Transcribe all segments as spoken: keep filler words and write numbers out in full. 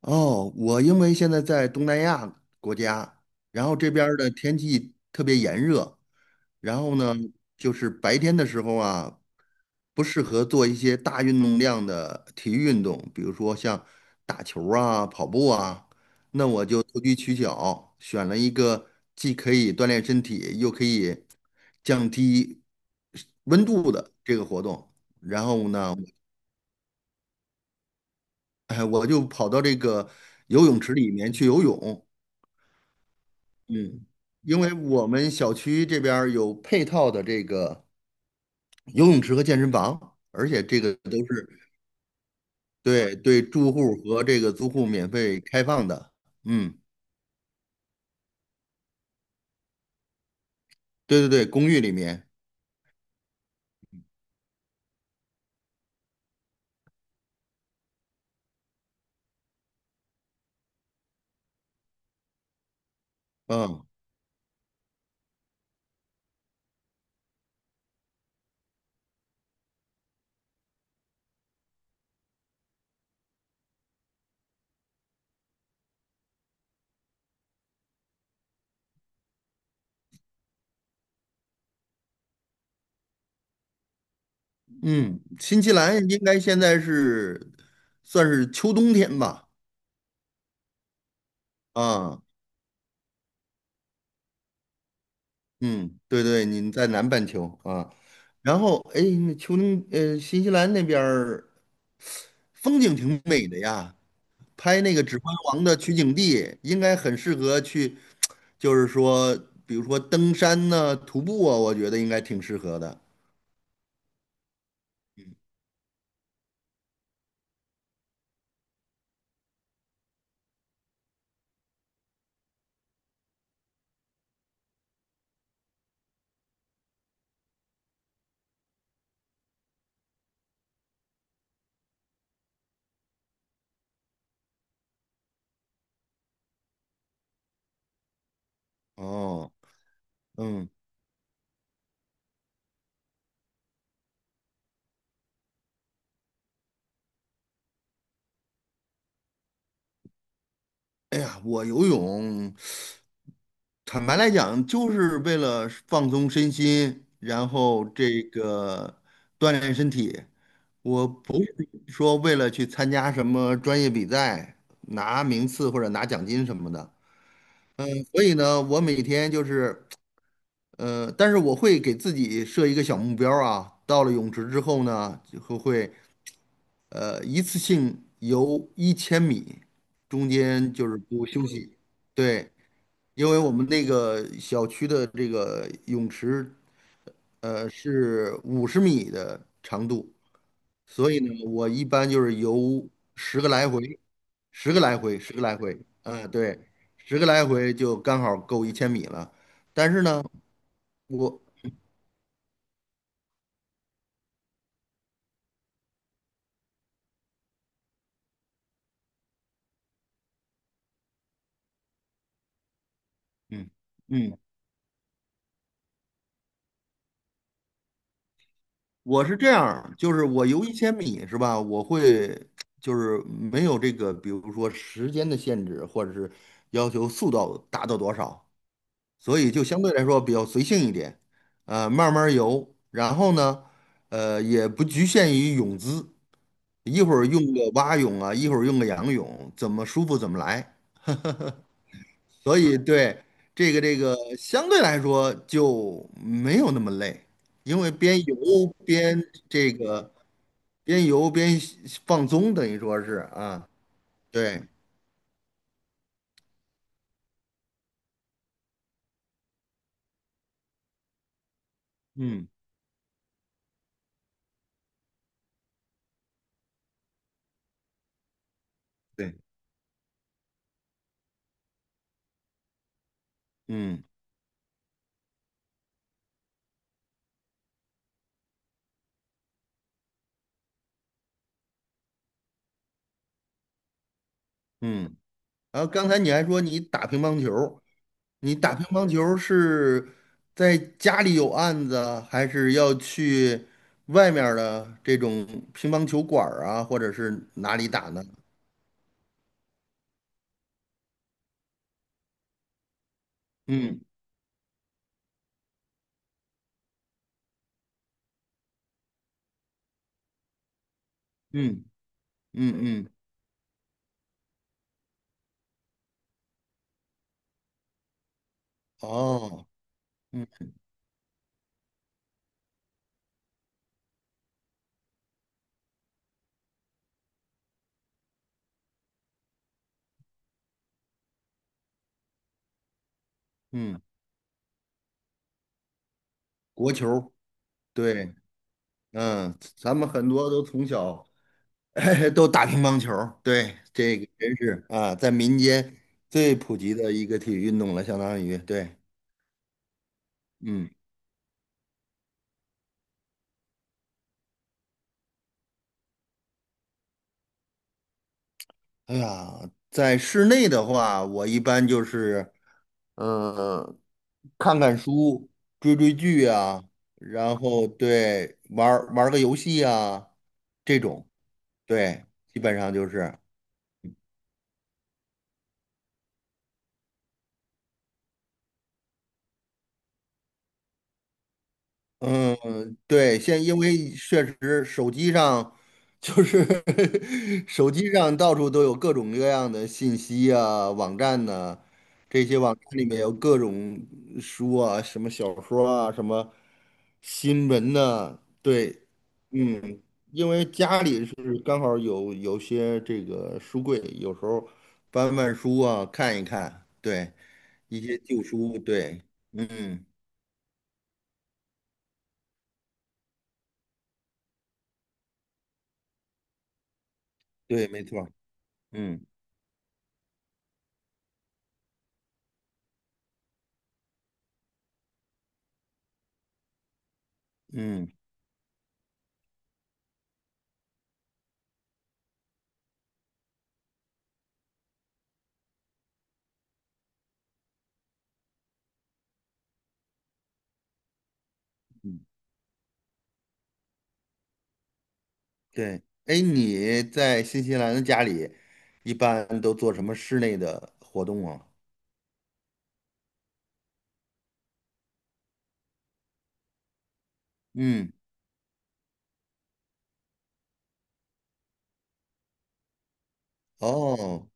哦，我因为现在在东南亚国家，然后这边儿的天气特别炎热，然后呢，就是白天的时候啊，不适合做一些大运动量的体育运动，比如说像打球儿啊、跑步啊，那我就投机取巧，选了一个既可以锻炼身体，又可以降低温度的这个活动，然后呢，哎，我就跑到这个游泳池里面去游泳。嗯，因为我们小区这边儿有配套的这个游泳池和健身房，而且这个都是对对住户和这个租户免费开放的。嗯，对对对，公寓里面，嗯嗯，新西兰应该现在是算是秋冬天吧？啊，嗯，对对，您在南半球啊，然后哎，那秋冬呃，新西兰那边儿风景挺美的呀，拍那个《指环王》的取景地，应该很适合去，就是说，比如说登山呢、徒步啊，我觉得应该挺适合的。哦，嗯，哎呀，我游泳，坦白来讲，就是为了放松身心，然后这个锻炼身体。我不是说为了去参加什么专业比赛，拿名次或者拿奖金什么的。所以呢，我每天就是呃，但是我会给自己设一个小目标儿啊，到了泳池之后呢，就会会呃一次性游一千米，中间就是不休息。对，因为我们那个小区的这个泳池，呃是五十米的长度，所以呢，我一般就是游十个来回，十个来回，十个来回，嗯，对，十个来回就刚好够一千米了。但是呢，我嗯嗯。我是这样儿就是我游一千米是吧？我会就是没有这个，比如说时间的限制，或者是要求速度达到多少，所以就相对来说比较随性一点，呃，慢慢儿游。然后呢，呃，也不局限于泳姿，一会儿用个蛙泳啊，一会儿用个仰泳，怎么舒服怎么来。所以对这个这个相对来说就没有那么累，因为边游边这个。边游边放松，等于说是啊，对，嗯，对，嗯嗯。然后刚才你还说你打乒乓球，你打乒乓球是在家里有案子，还是要去外面儿的这种乒乓球馆儿啊，或者是哪里打呢？嗯嗯嗯嗯，哦，嗯嗯，国球对，嗯，咱们很多都从小 都打乒乓球儿对，这个真是啊，在民间最普及的一个体育运动了，相当于对，嗯，哎呀，在室内的话，我一般就是嗯，看看书、追追剧啊，然后对玩儿玩儿个游戏啊，这种，对，基本上就是，嗯、对，现在因为确实手机上就是 手机上到处都有各种各样的信息啊，网站呢，这些网站里面有各种书啊，什么小说啊，什么新闻呐，对，嗯，因为家里是刚好有有些这个书柜，有时候翻翻书啊，看一看，对，一些旧书，对，嗯，对，没错嗯嗯嗯。对，哎，你在新西兰的家里一般都做什么室内的活动啊？嗯，哦，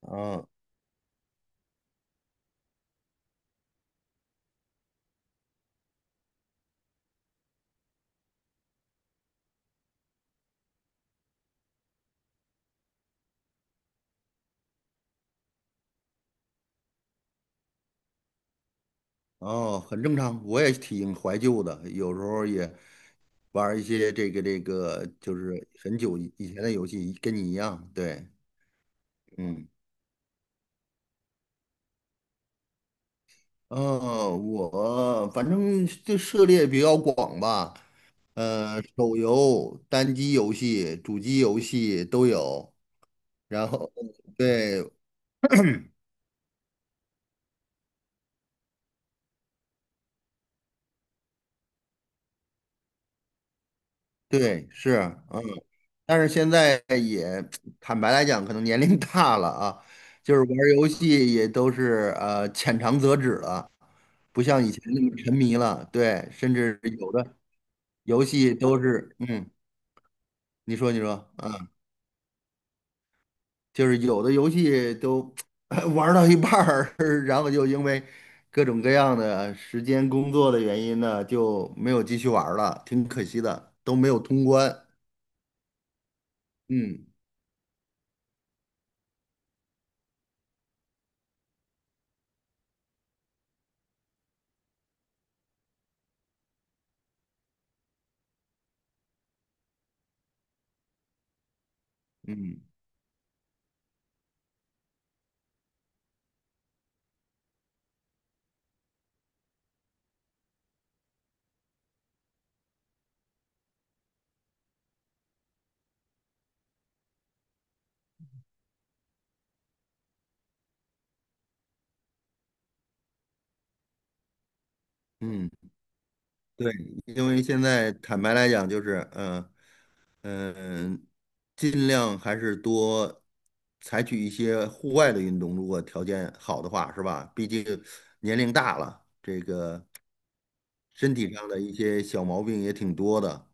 哦，哦，很正常。我也挺怀旧的，有时候也玩儿一些这个这个，就是很久以以前的游戏，跟你一样。对，嗯，哦，我反正这涉猎比较广吧，呃，手游、单机游戏、主机游戏都有。然后，对对，是，嗯。但是现在也坦白来讲，可能年龄 大了啊，就是玩儿游戏也都是呃浅尝辄止了，不像以前那么沉迷了。对，甚至有的游戏都是，嗯，你说你说啊，就是有的游戏都 玩儿到一半儿，然后就因为各种各样的时间、工作的原因呢，就没有继续玩儿了，挺可惜的，都没有通关。嗯嗯嗯。对，因为现在坦白来讲，就是嗯嗯，呃尽量还是多采取一些户外的运动，如果条件好的话，是吧？毕竟年龄大了，身体上的一些小毛病也挺多的，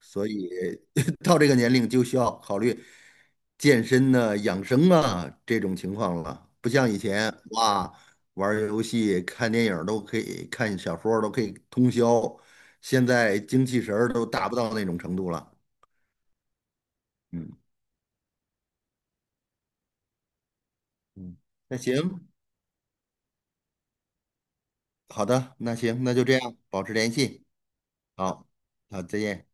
所以 到这个年龄就需要考虑健身呢、养生啊这种情况了。不像以前，哇，玩儿游戏、看电影儿都可以，看小说儿都可以通宵，现在精气神儿都达不到那种程度了。嗯嗯，那行，好的，那行，那就这样，保持联系。好，好，再见。